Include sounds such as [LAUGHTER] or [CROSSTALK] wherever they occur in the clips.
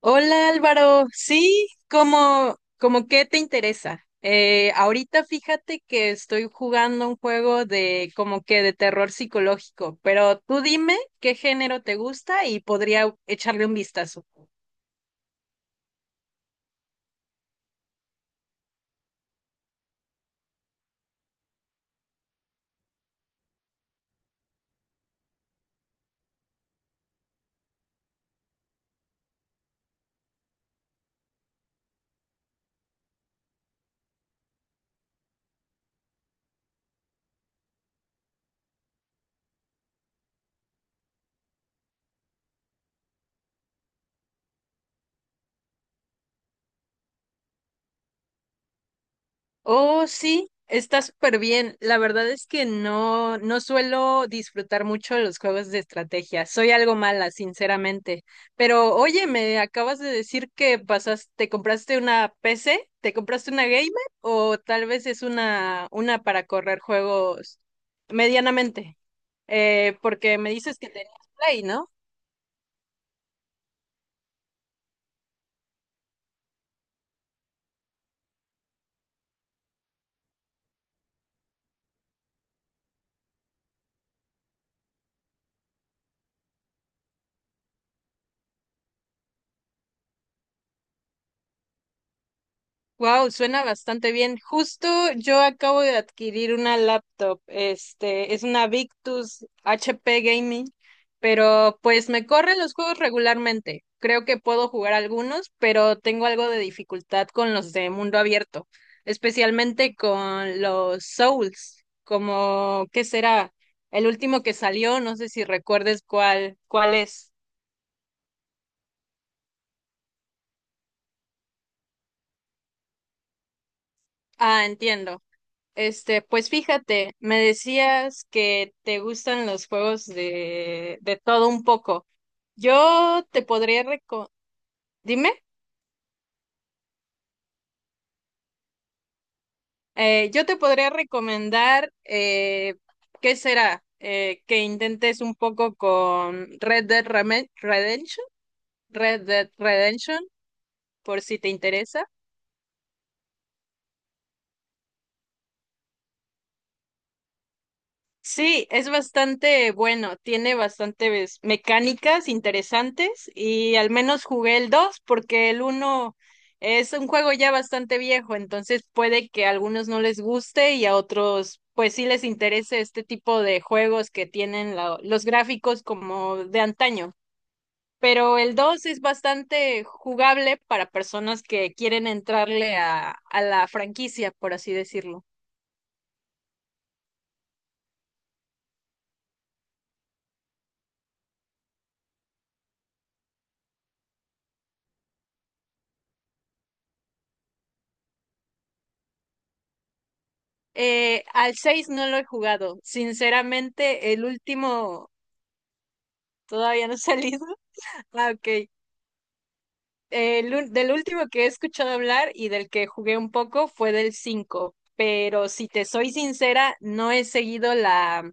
Hola Álvaro, sí, ¿cómo qué te interesa? Ahorita fíjate que estoy jugando un juego de como que de terror psicológico, pero tú dime qué género te gusta y podría echarle un vistazo. Oh, sí, está súper bien. La verdad es que no, no suelo disfrutar mucho los juegos de estrategia. Soy algo mala, sinceramente. Pero oye, me acabas de decir que pasaste, te compraste una PC, te compraste una gamer o tal vez es una para correr juegos medianamente. Porque me dices que tenías Play, ¿no? Wow, suena bastante bien. Justo yo acabo de adquirir una laptop. Este, es una Victus HP Gaming, pero pues me corren los juegos regularmente. Creo que puedo jugar algunos, pero tengo algo de dificultad con los de mundo abierto, especialmente con los Souls, como ¿qué será? El último que salió, no sé si recuerdes cuál es. Ah, entiendo. Este, pues fíjate, me decías que te gustan los juegos de todo un poco. Yo te podría reco- dime, yo te podría recomendar, ¿qué será? Que intentes un poco con Red Dead Redemption. Red Dead Redemption, por si te interesa. Sí, es bastante bueno, tiene bastantes mecánicas interesantes y al menos jugué el 2 porque el uno es un juego ya bastante viejo, entonces puede que a algunos no les guste y a otros pues sí les interese este tipo de juegos que tienen los gráficos como de antaño. Pero el 2 es bastante jugable para personas que quieren entrarle a la franquicia, por así decirlo. Al 6 no lo he jugado. Sinceramente, el último todavía no ha salido. [LAUGHS] Ah, ok. Del último que he escuchado hablar y del que jugué un poco fue del 5. Pero si te soy sincera, no he seguido la,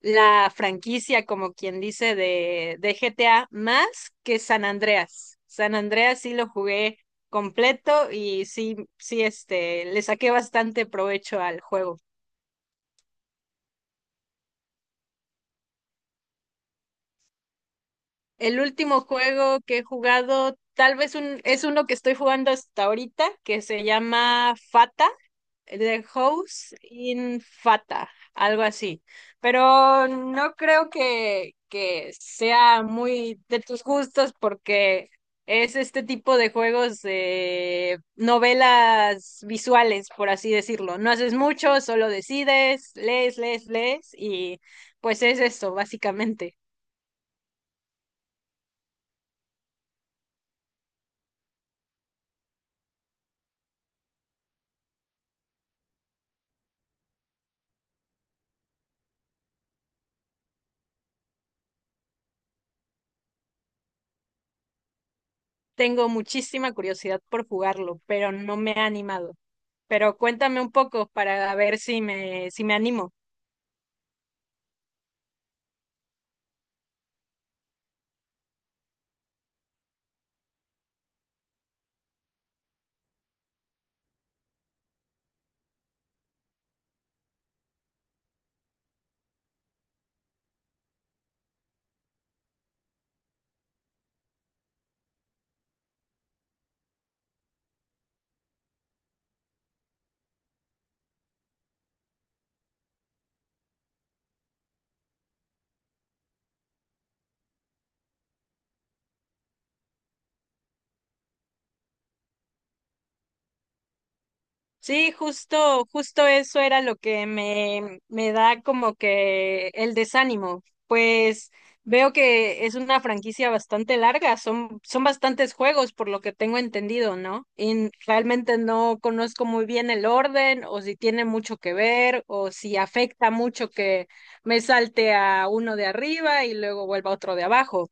la franquicia, como quien dice, de GTA más que San Andreas. San Andreas sí lo jugué completo y sí, sí, este, le saqué bastante provecho al juego. El último juego que he jugado, es uno que estoy jugando hasta ahorita, que se llama Fata, The House in Fata, algo así. Pero no creo que sea muy de tus gustos porque es este tipo de juegos de novelas visuales, por así decirlo. No haces mucho, solo decides, lees, lees, lees y pues es eso, básicamente. Tengo muchísima curiosidad por jugarlo, pero no me he animado. Pero cuéntame un poco para ver si me animo. Sí, justo, justo eso era lo que me da como que el desánimo. Pues veo que es una franquicia bastante larga, son bastantes juegos por lo que tengo entendido, ¿no? Y realmente no conozco muy bien el orden o si tiene mucho que ver o si afecta mucho que me salte a uno de arriba y luego vuelva a otro de abajo.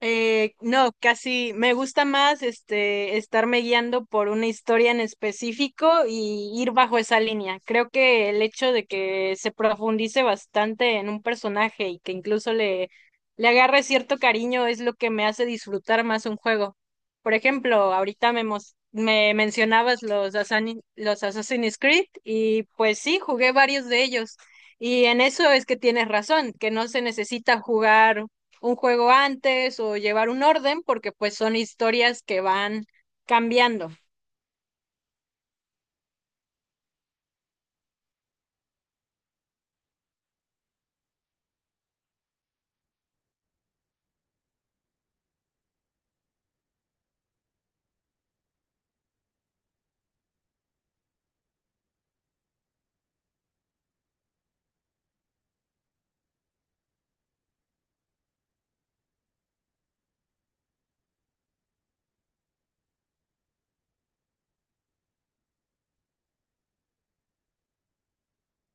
No, casi me gusta más este estarme guiando por una historia en específico y ir bajo esa línea. Creo que el hecho de que se profundice bastante en un personaje y que incluso le agarre cierto cariño es lo que me hace disfrutar más un juego. Por ejemplo, ahorita me mencionabas los Assassin's Creed y pues sí, jugué varios de ellos. Y en eso es que tienes razón, que no se necesita jugar un juego antes o llevar un orden, porque pues son historias que van cambiando.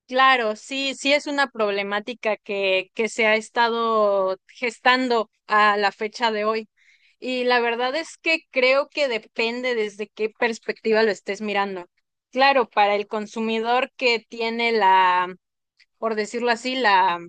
Claro, sí, sí es una problemática que se ha estado gestando a la fecha de hoy. Y la verdad es que creo que depende desde qué perspectiva lo estés mirando. Claro, para el consumidor que tiene la, por decirlo así, la,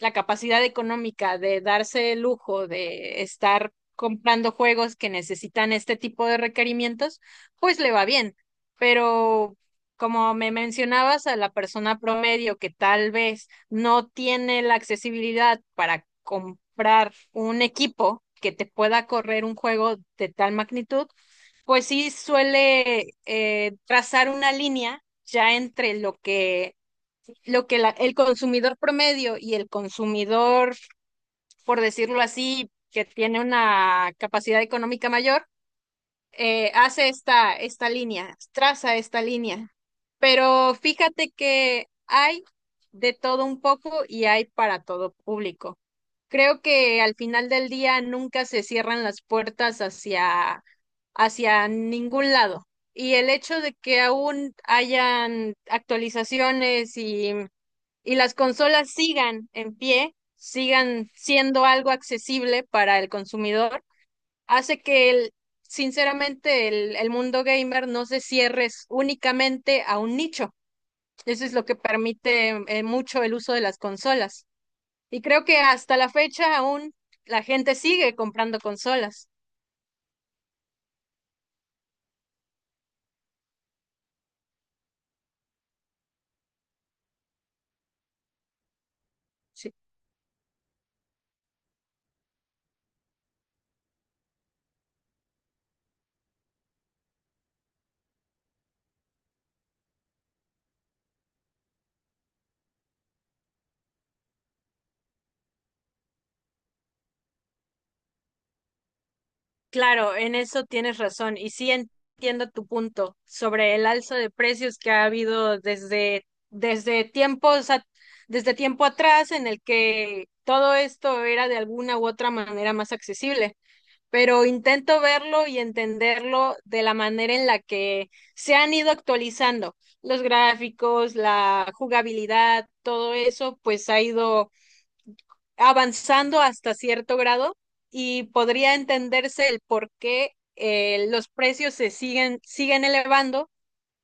la capacidad económica de darse el lujo de estar comprando juegos que necesitan este tipo de requerimientos, pues le va bien. Pero como me mencionabas, a la persona promedio que tal vez no tiene la accesibilidad para comprar un equipo que te pueda correr un juego de tal magnitud, pues sí suele trazar una línea ya entre lo que el consumidor promedio y el consumidor, por decirlo así, que tiene una capacidad económica mayor, hace esta línea, traza esta línea. Pero fíjate que hay de todo un poco y hay para todo público. Creo que al final del día nunca se cierran las puertas hacia ningún lado. Y el hecho de que aún hayan actualizaciones y las consolas sigan en pie, sigan siendo algo accesible para el consumidor, hace que el, sinceramente, el mundo gamer no se cierre únicamente a un nicho. Eso es lo que permite mucho el uso de las consolas. Y creo que hasta la fecha aún la gente sigue comprando consolas. Sí. Claro, en eso tienes razón y sí entiendo tu punto sobre el alza de precios que ha habido desde tiempos a- desde tiempo atrás en el que todo esto era de alguna u otra manera más accesible, pero intento verlo y entenderlo de la manera en la que se han ido actualizando los gráficos, la jugabilidad, todo eso pues ha ido avanzando hasta cierto grado y podría entenderse el por qué los precios se siguen elevando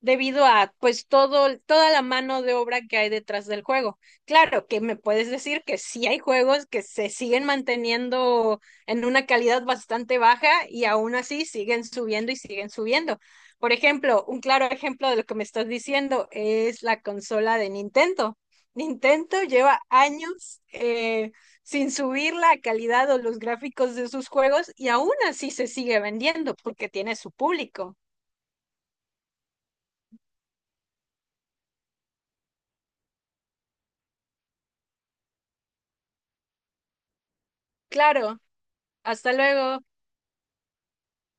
debido a pues todo, toda la mano de obra que hay detrás del juego. Claro que me puedes decir que sí hay juegos que se siguen manteniendo en una calidad bastante baja y aún así siguen subiendo y siguen subiendo. Por ejemplo, un claro ejemplo de lo que me estás diciendo es la consola de Nintendo. Nintendo lleva años sin subir la calidad o los gráficos de sus juegos y aún así se sigue vendiendo porque tiene su público. Claro, hasta luego.